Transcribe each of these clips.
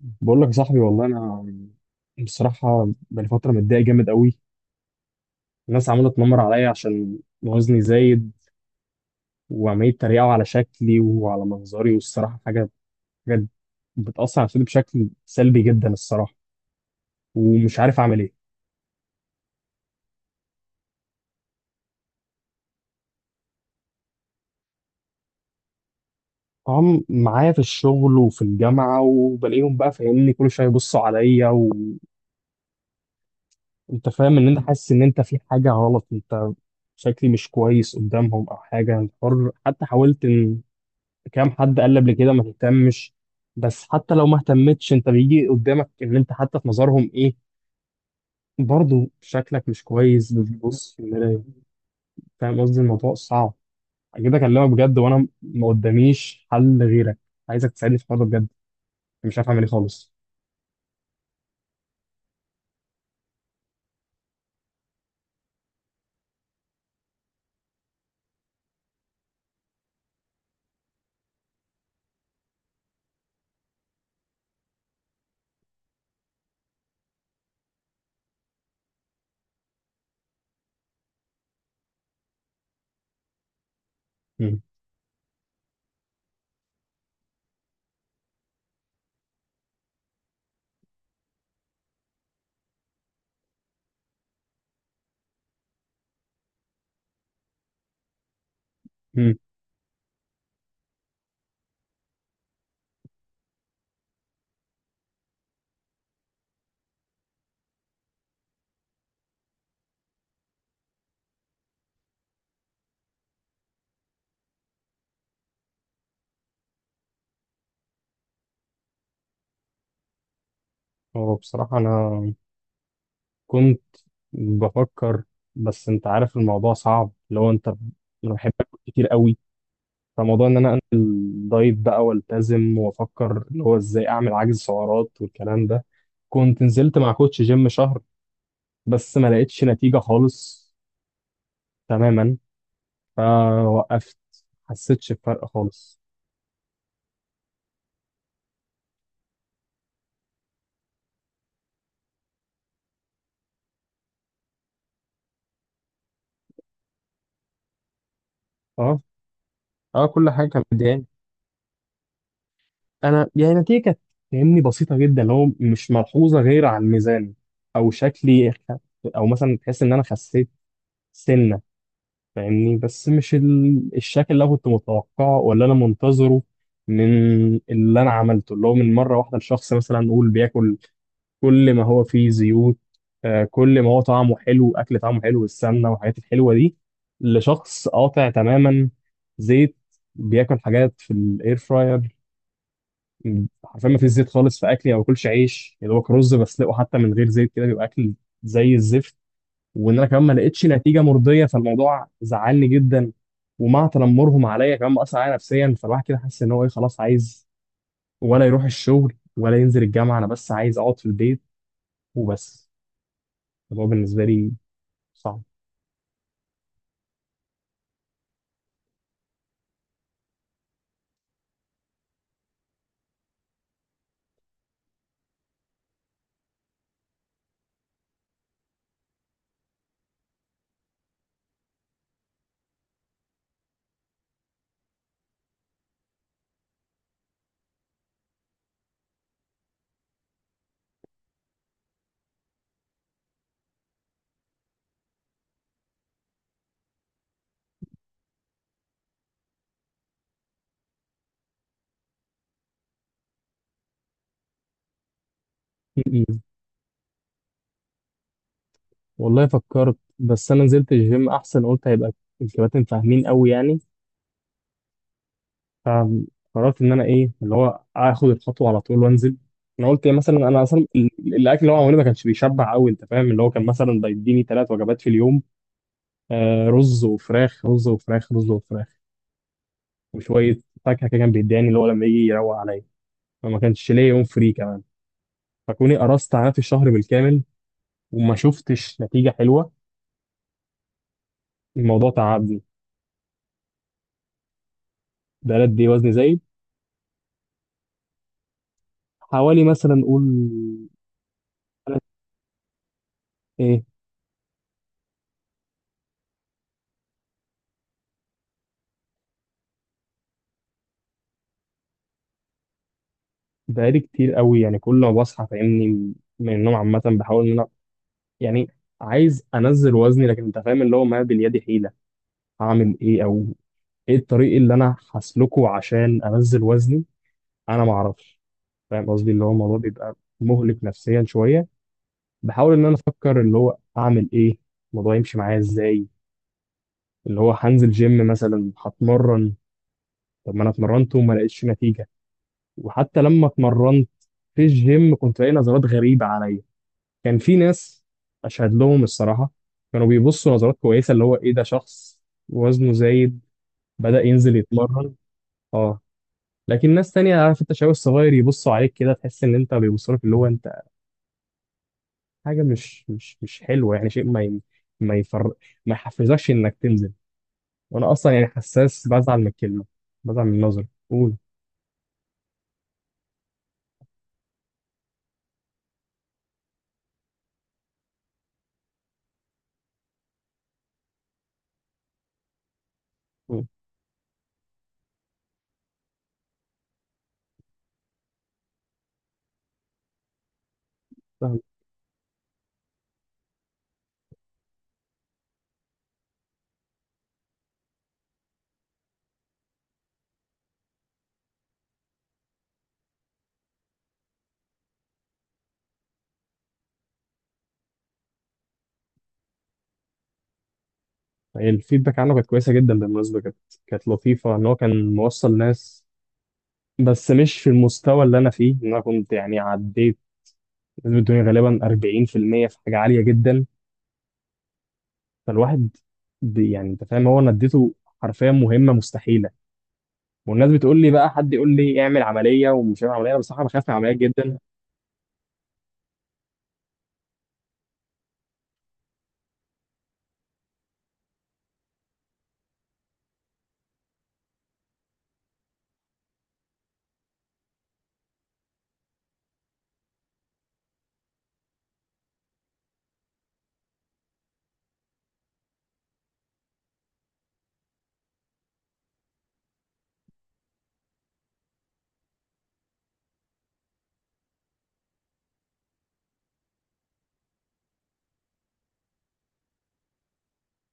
بقول لك يا صاحبي، والله انا بصراحه بقالي فتره متضايق جامد قوي. الناس عماله تنمر عليا عشان وزني زايد، وعمالين يتريقوا على شكلي وعلى منظري، والصراحه حاجه بتاثر على نفسيتي بشكل سلبي جدا الصراحه، ومش عارف اعمل ايه. طبعا معايا في الشغل وفي الجامعه، وبلاقيهم بقى فاهمني كل شويه يبصوا عليا، وانت فاهم ان انت حاسس ان انت في حاجه غلط. انت شكلي مش كويس قدامهم او حاجه. حتى حاولت، كام حد قال لي قبل كده ما تهتمش، بس حتى لو ما اهتمتش انت بيجي قدامك ان انت حتى في نظرهم ايه، برضه شكلك مش كويس بتبص في المراية. فاهم قصدي؟ الموضوع صعب. اجي اكلمك بجد وانا ما قداميش حل غيرك، عايزك تساعدني في الحوار ده بجد، مش عارف اعمل ايه خالص. مم. مم. هو بصراحة انا كنت بفكر، بس انت عارف الموضوع صعب لو انت انا بحبك كتير قوي، فموضوع ان انا انزل دايت بقى والتزم وافكر اللي هو ازاي اعمل عجز سعرات والكلام ده. كنت نزلت مع كوتش جيم شهر، بس ما لقيتش نتيجة خالص تماما، فوقفت. حسيتش بفرق خالص. اه اه، كل حاجة كانت مضايقاني. انا يعني نتيجة كانت فاهمني بسيطة جدا، اللي هو مش ملحوظة غير على الميزان او شكلي او مثلا تحس ان انا خسيت سنة فاهمني، بس مش الشكل اللي انا كنت متوقعه ولا انا منتظره. من اللي انا عملته اللي هو من مره واحده الشخص مثلا نقول بياكل كل ما هو فيه زيوت، كل ما هو طعمه حلو، اكل طعمه حلو بالسمنه والحاجات الحلوه دي، لشخص قاطع تماما زيت، بياكل حاجات في الاير فراير. حرفيا ما فيش زيت خالص في اكلي، او باكلش عيش، يا دوبك رز بسلقه حتى من غير زيت كده بيبقى اكل زي الزفت. وان انا كمان ما لقيتش نتيجه مرضيه، فالموضوع زعلني جدا، ومع تنمرهم عليا كمان مأثر عليا نفسيا، فالواحد كده حاسس ان هو ايه خلاص، عايز ولا يروح الشغل ولا ينزل الجامعه، انا بس عايز اقعد في البيت وبس. الموضوع بالنسبه لي صعب. م-م. والله فكرت، بس انا نزلت الجيم احسن قلت هيبقى الكباتن فاهمين قوي يعني. قررت ان انا ايه اللي هو اخد الخطوه على طول وانزل. انا قلت إيه مثلا، انا اصلا الاكل اللي هو عملني ما كانش بيشبع قوي، انت فاهم اللي هو كان مثلا بيديني ثلاث وجبات في اليوم، آه رز وفراخ، رز وفراخ، رز وفراخ وشويه فاكهه كده، كان بيداني اللي هو لما يجي يروق عليا، فما كانش ليا يوم فري كمان. فكوني قرصت على نفسي الشهر بالكامل وما شفتش نتيجه حلوه، الموضوع تعبني. بقى قد ايه وزني زايد؟ حوالي مثلا قول تلات- ايه، بقالي كتير قوي يعني. كل ما بصحى فاهمني من النوم عامه بحاول ان انا يعني عايز انزل وزني، لكن انت فاهم اللي هو ما باليد حيله. هعمل ايه؟ او ايه الطريق اللي انا هسلكه عشان انزل وزني؟ انا ما اعرفش. فاهم قصدي اللي هو الموضوع بيبقى مهلك نفسيا شويه. بحاول ان انا افكر اللي هو اعمل ايه، الموضوع يمشي معايا ازاي، اللي هو هنزل جيم مثلا هتمرن. طب ما انا اتمرنت وما لقيتش نتيجه. وحتى لما اتمرنت في الجيم، كنت لاقي نظرات غريبه عليا. كان في ناس اشهد لهم الصراحه، كانوا بيبصوا نظرات كويسه، اللي هو ايه ده شخص وزنه زايد بدأ ينزل يتمرن. اه. لكن ناس تانية، عارف انت، شباب الصغير يبصوا عليك كده، تحس ان انت بيبصوا لك اللي هو انت حاجه مش حلوه يعني. شيء ما يفر ما يحفزكش انك تنزل، وانا اصلا يعني حساس، بزعل من الكلمه، بزعل من النظره. قول. قول. فاهم يعني. الفيدباك عنه كانت كويسه جدا بالمناسبه، كانت لطيفه ان هو كان موصل ناس، بس مش في المستوى اللي انا فيه، ان انا كنت يعني عديت نسبه دوني غالبا 40% في المية، في حاجه عاليه جدا. فالواحد يعني انت فاهم، هو انا اديته حرفيا مهمه مستحيله. والناس بتقول لي بقى، حد يقول لي اعمل عمليه، ومش هعمل عمليه. أنا بصراحه بخاف من العمليات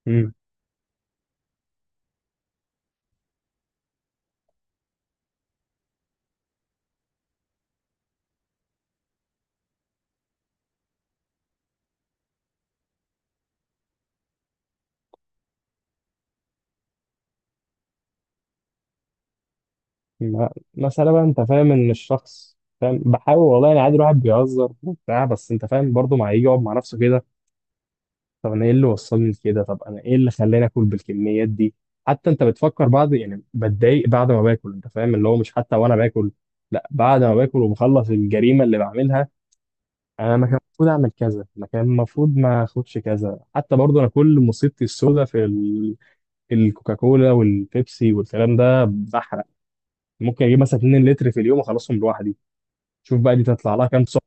جدا. ما- مسألة بقى انت فاهم ان الشخص فاهم بحاول، والله يعني عادي الواحد بيهزر وبتاع، بس انت فاهم برضه ما يجي يقعد مع نفسه كده، طب انا ايه اللي وصلني لكده، طب انا ايه اللي خلاني اكل بالكميات دي. حتى انت بتفكر بعد، يعني بتضايق بعد ما باكل، انت فاهم اللي هو مش حتى وانا باكل، لا بعد ما باكل وبخلص الجريمة اللي بعملها، انا ما كان المفروض اعمل كذا، ما كان المفروض ما اخدش كذا. حتى برضه انا كل مصيبتي السوداء في الكوكاكولا والبيبسي والكلام ده بحرق، ممكن اجيب مثلا 2 لتر في اليوم اخلصهم لوحدي. شوف بقى دي تطلع لها كام سؤال.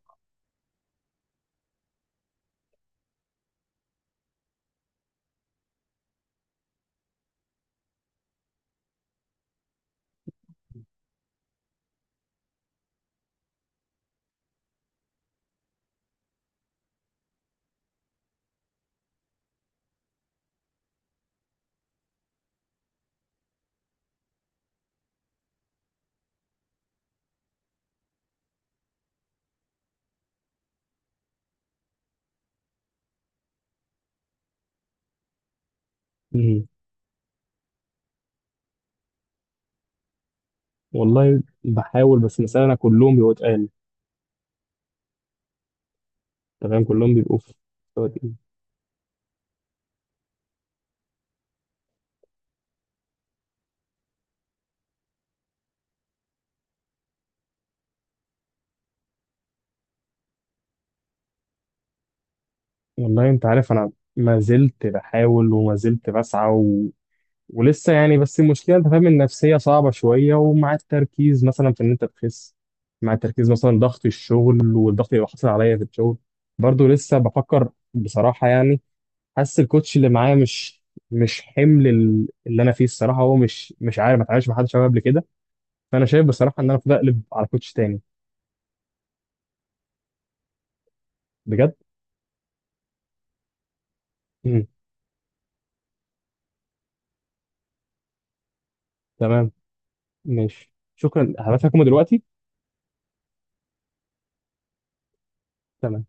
مهم. والله بحاول، بس المسألة أنا كلهم بيبقوا تقال. تمام، كلهم بيبقوا في مستوى تقيل. والله أنت عارف أنا ما زلت بحاول وما زلت بسعى و... ولسه يعني، بس المشكلة أنت فاهم النفسية صعبة شوية، ومع التركيز مثلا في إن أنت تخس، مع التركيز مثلا ضغط الشغل والضغط اللي حاصل عليا في الشغل، برضه لسه بفكر بصراحة يعني. حاسس الكوتش اللي معايا مش حمل اللي أنا فيه الصراحة، هو مش، مش عارف، ما اتعاملش مع حد شباب قبل كده. فانا شايف بصراحه ان انا المفروض اقلب على كوتش تاني. بجد؟ مم. تمام. ماشي، شكرا، هبعت لكم دلوقتي. تمام.